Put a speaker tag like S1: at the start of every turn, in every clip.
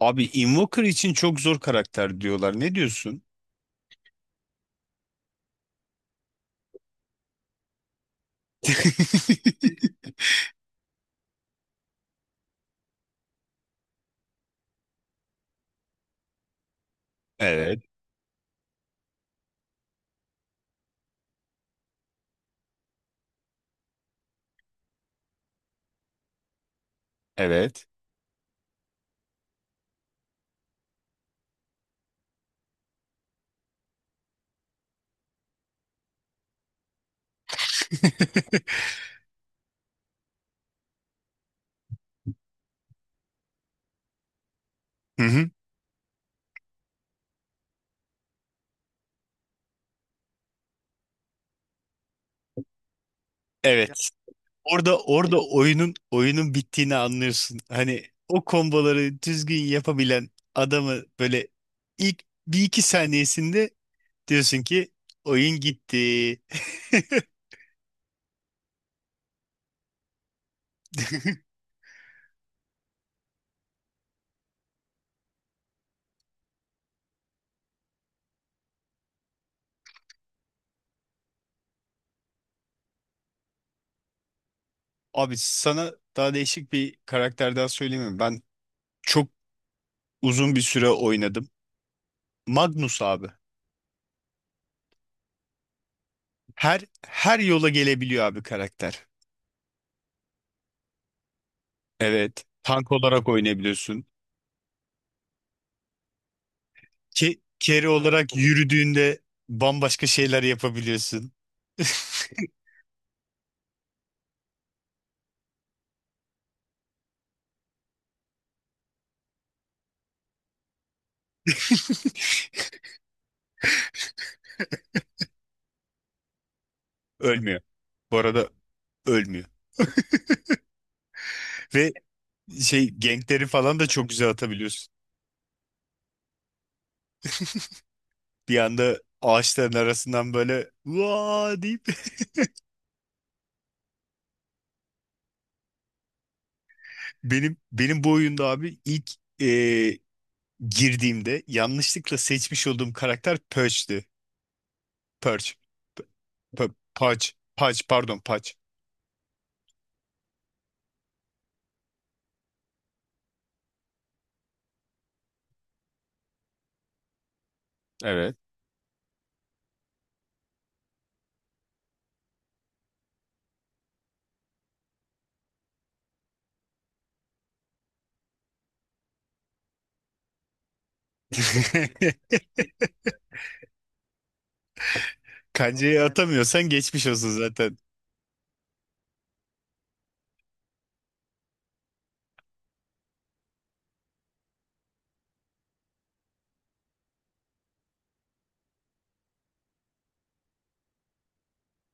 S1: Abi Invoker için çok zor karakter diyorlar. Ne diyorsun? Evet, evet. Hı hı. Evet. Orada oyunun bittiğini anlıyorsun. Hani o komboları düzgün yapabilen adamı böyle ilk bir iki saniyesinde diyorsun ki oyun gitti. Abi sana daha değişik bir karakter daha söyleyeyim mi? Ben çok uzun bir süre oynadım. Magnus abi. Her her yola gelebiliyor abi karakter. Evet. Tank olarak oynayabiliyorsun. Carry olarak yürüdüğünde bambaşka şeyler yapabiliyorsun. Ölmüyor. Bu arada ölmüyor. Ve şey gankleri falan da çok güzel atabiliyorsun. Bir anda ağaçların arasından böyle vaa deyip benim bu oyunda abi ilk e, girdiğimde yanlışlıkla seçmiş olduğum karakter Perch'ti. Perch. P- P- Patch. Patch pardon Patch. Evet. Kancayı atamıyorsan geçmiş olsun zaten.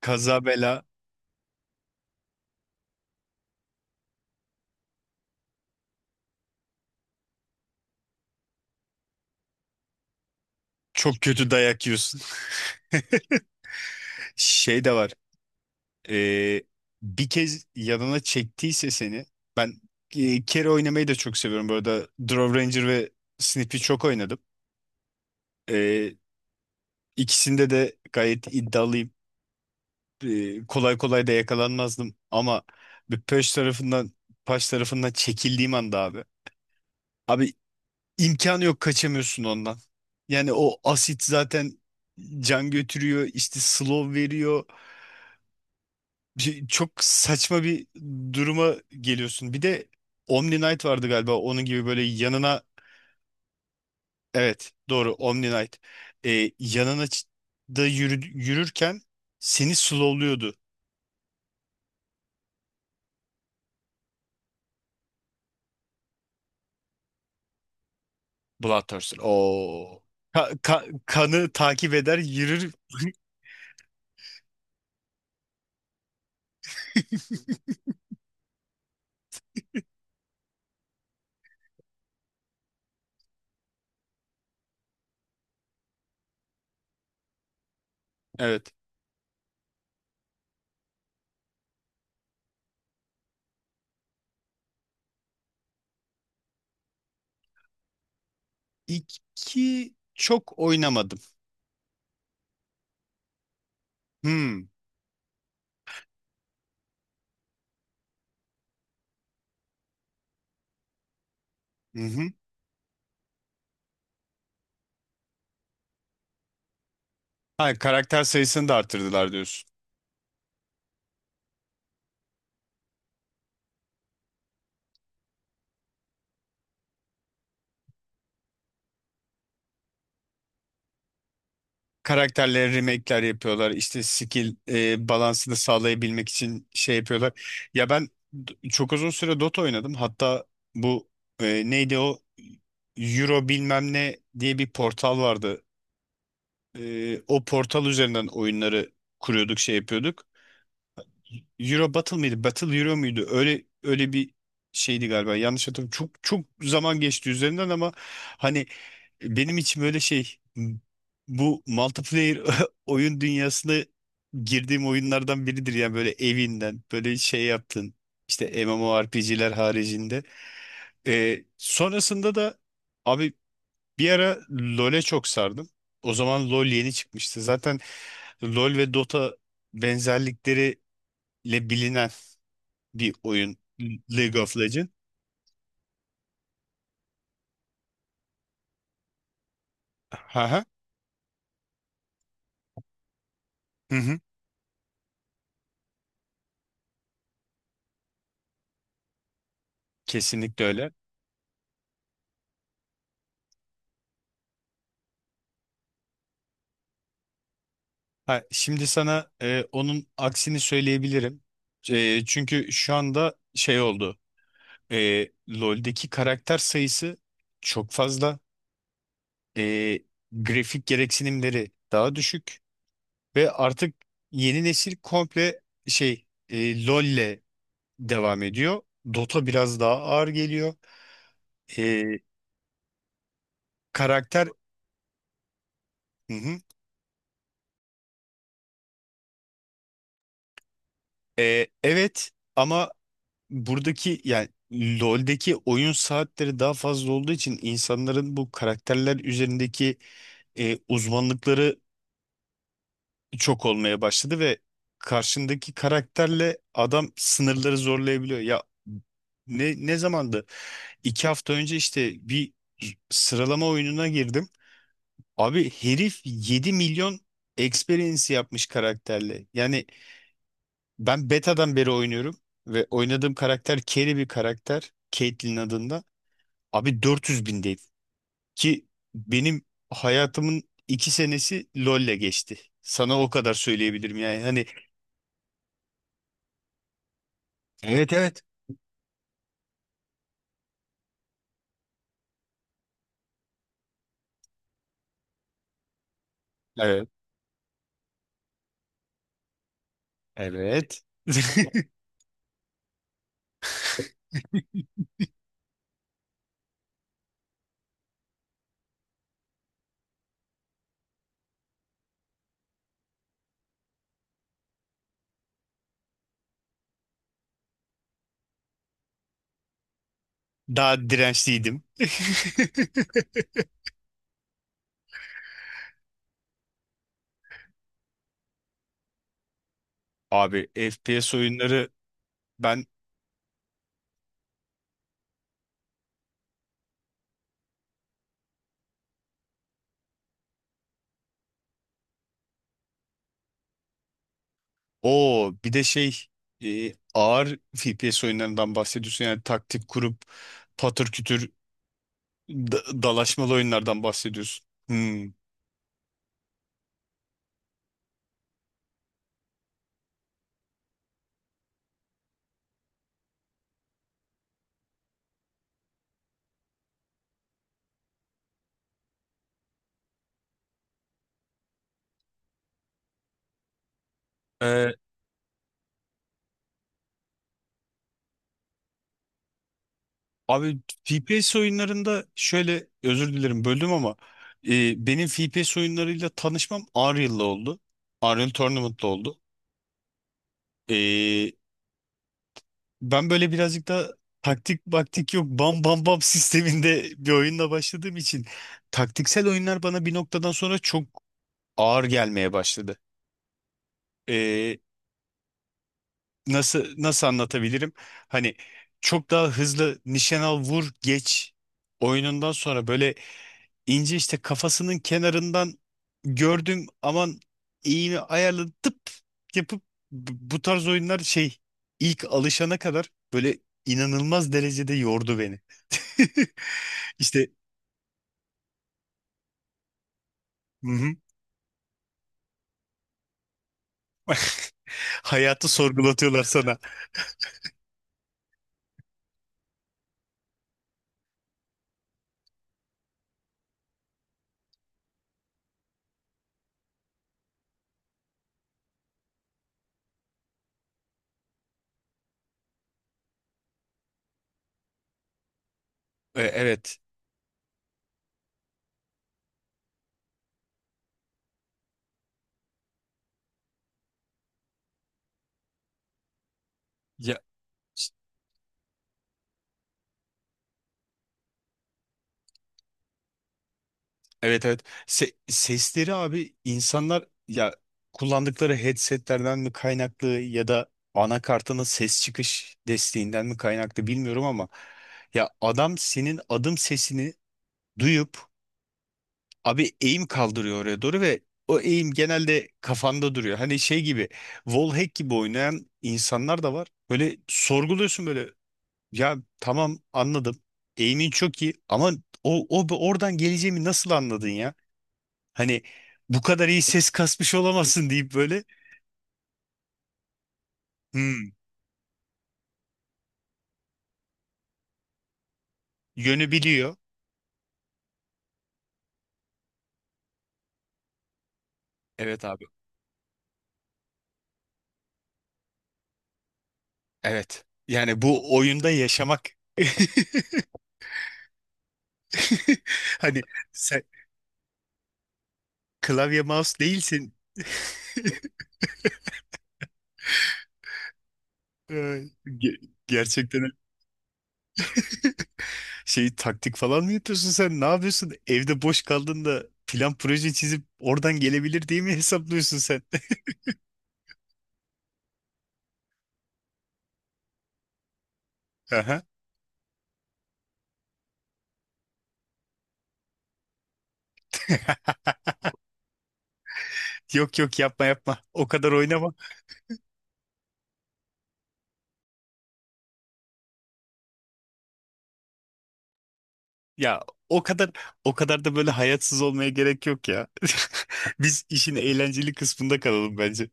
S1: Kaza bela çok kötü dayak yiyorsun. Şey de var. e, Bir kez yanına çektiyse seni ben kere oynamayı da çok seviyorum. Bu arada Draw Ranger ve Snippy çok oynadım. E, ikisinde de gayet iddialıyım. Kolay kolay da yakalanmazdım ama bir Pöş tarafından Paş tarafından çekildiğim anda abi. Abi İmkanı yok kaçamıyorsun ondan. Yani o asit zaten can götürüyor, işte slow veriyor. Çok saçma bir duruma geliyorsun. Bir de Omni Knight vardı galiba onun gibi böyle yanına evet doğru Omni Knight. Yanına da yürü, yürürken seni slowluyordu. Bloodthirster. Oo. Kanı takip eder yürür. Evet. İki çok oynamadım. Hmm. Ha, karakter sayısını da arttırdılar diyorsun. Karakterlere remake'ler yapıyorlar. İşte skill balansını sağlayabilmek için şey yapıyorlar. Ya ben çok uzun süre Dota oynadım. Hatta bu neydi o Euro bilmem ne diye bir portal vardı. O portal üzerinden oyunları kuruyorduk, şey yapıyorduk. Euro Battle mıydı? Battle Euro muydu? Öyle öyle bir şeydi galiba. Yanlış hatırlamıyorum. Çok çok zaman geçti üzerinden ama hani benim için böyle şey bu multiplayer oyun dünyasına girdiğim oyunlardan biridir yani böyle evinden böyle şey yaptın işte MMORPG'ler haricinde. Sonrasında da abi bir ara LoL'e çok sardım. O zaman LoL yeni çıkmıştı zaten. LoL ve Dota benzerlikleriyle bilinen bir oyun. League of Legends. Haha. Hı hı. Kesinlikle öyle. Ha, şimdi sana onun aksini söyleyebilirim. Çünkü şu anda şey oldu. LoL'deki karakter sayısı çok fazla. E, Grafik gereksinimleri daha düşük ve artık yeni nesil komple şey LoL'le devam ediyor. Dota biraz daha ağır geliyor. E, Karakter. Hı hı. Evet ama buradaki yani LoL'deki oyun saatleri daha fazla olduğu için insanların bu karakterler üzerindeki uzmanlıkları çok olmaya başladı ve karşındaki karakterle adam sınırları zorlayabiliyor. Ya ne zamandı? 2 hafta önce işte bir sıralama oyununa girdim. Abi herif 7 milyon experience yapmış karakterle. Yani ben beta'dan beri oynuyorum ve oynadığım karakter carry bir karakter. Caitlyn adında. Abi 400 bindeydi ki benim hayatımın 2 senesi LoL'le geçti. Sana o kadar söyleyebilirim yani. Hani. Evet, evet. Evet. Evet. Daha dirençliydim. Abi FPS oyunları ben o bir de şey ağır FPS oyunlarından bahsediyorsun yani taktik kurup patır kütür dalaşmalı oyunlardan bahsediyorsun. Hmm. Abi FPS oyunlarında şöyle özür dilerim böldüm ama benim FPS oyunlarıyla tanışmam Unreal'la oldu. Unreal Tournament'la oldu. E, Ben böyle birazcık da taktik baktik yok bam bam bam sisteminde bir oyunla başladığım için taktiksel oyunlar bana bir noktadan sonra çok ağır gelmeye başladı. E, nasıl anlatabilirim? Hani çok daha hızlı nişan al vur geç oyunundan sonra böyle İnce işte kafasının kenarından gördüm aman iğne ayarlı tıp yapıp bu tarz oyunlar şey ilk alışana kadar böyle inanılmaz derecede yordu beni. İşte hı hı, hayatı sorgulatıyorlar sana. Evet. Ya evet, evet. Sesleri abi insanlar ya kullandıkları headsetlerden mi kaynaklı ya da anakartının ses çıkış desteğinden mi kaynaklı bilmiyorum ama ya adam senin adım sesini duyup abi eğim kaldırıyor oraya doğru ve o eğim genelde kafanda duruyor. Hani şey gibi wallhack gibi oynayan insanlar da var. Böyle sorguluyorsun böyle ya tamam anladım. Eğimin çok iyi ama o oradan geleceğimi nasıl anladın ya? Hani bu kadar iyi ses kasmış olamazsın deyip böyle hmm, yönü biliyor. Evet abi. Evet. Yani bu oyunda yaşamak. Hani sen klavye mouse değilsin. Gerçekten şey taktik falan mı yapıyorsun sen? Ne yapıyorsun? Evde boş kaldığında plan proje çizip oradan gelebilir diye mi hesaplıyorsun sen? Aha. Yok yok, yapma yapma. O kadar oynama. Ya o kadar o kadar da böyle hayatsız olmaya gerek yok ya. Biz işin eğlenceli kısmında kalalım bence.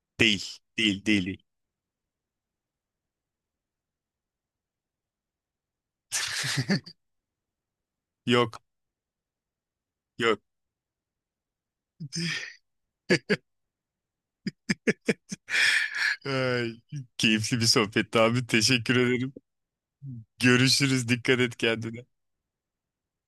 S1: Değil, değil, değil. Değil. Yok, yok. Ay, keyifli bir sohbetti abi. Teşekkür ederim. Görüşürüz. Dikkat et kendine.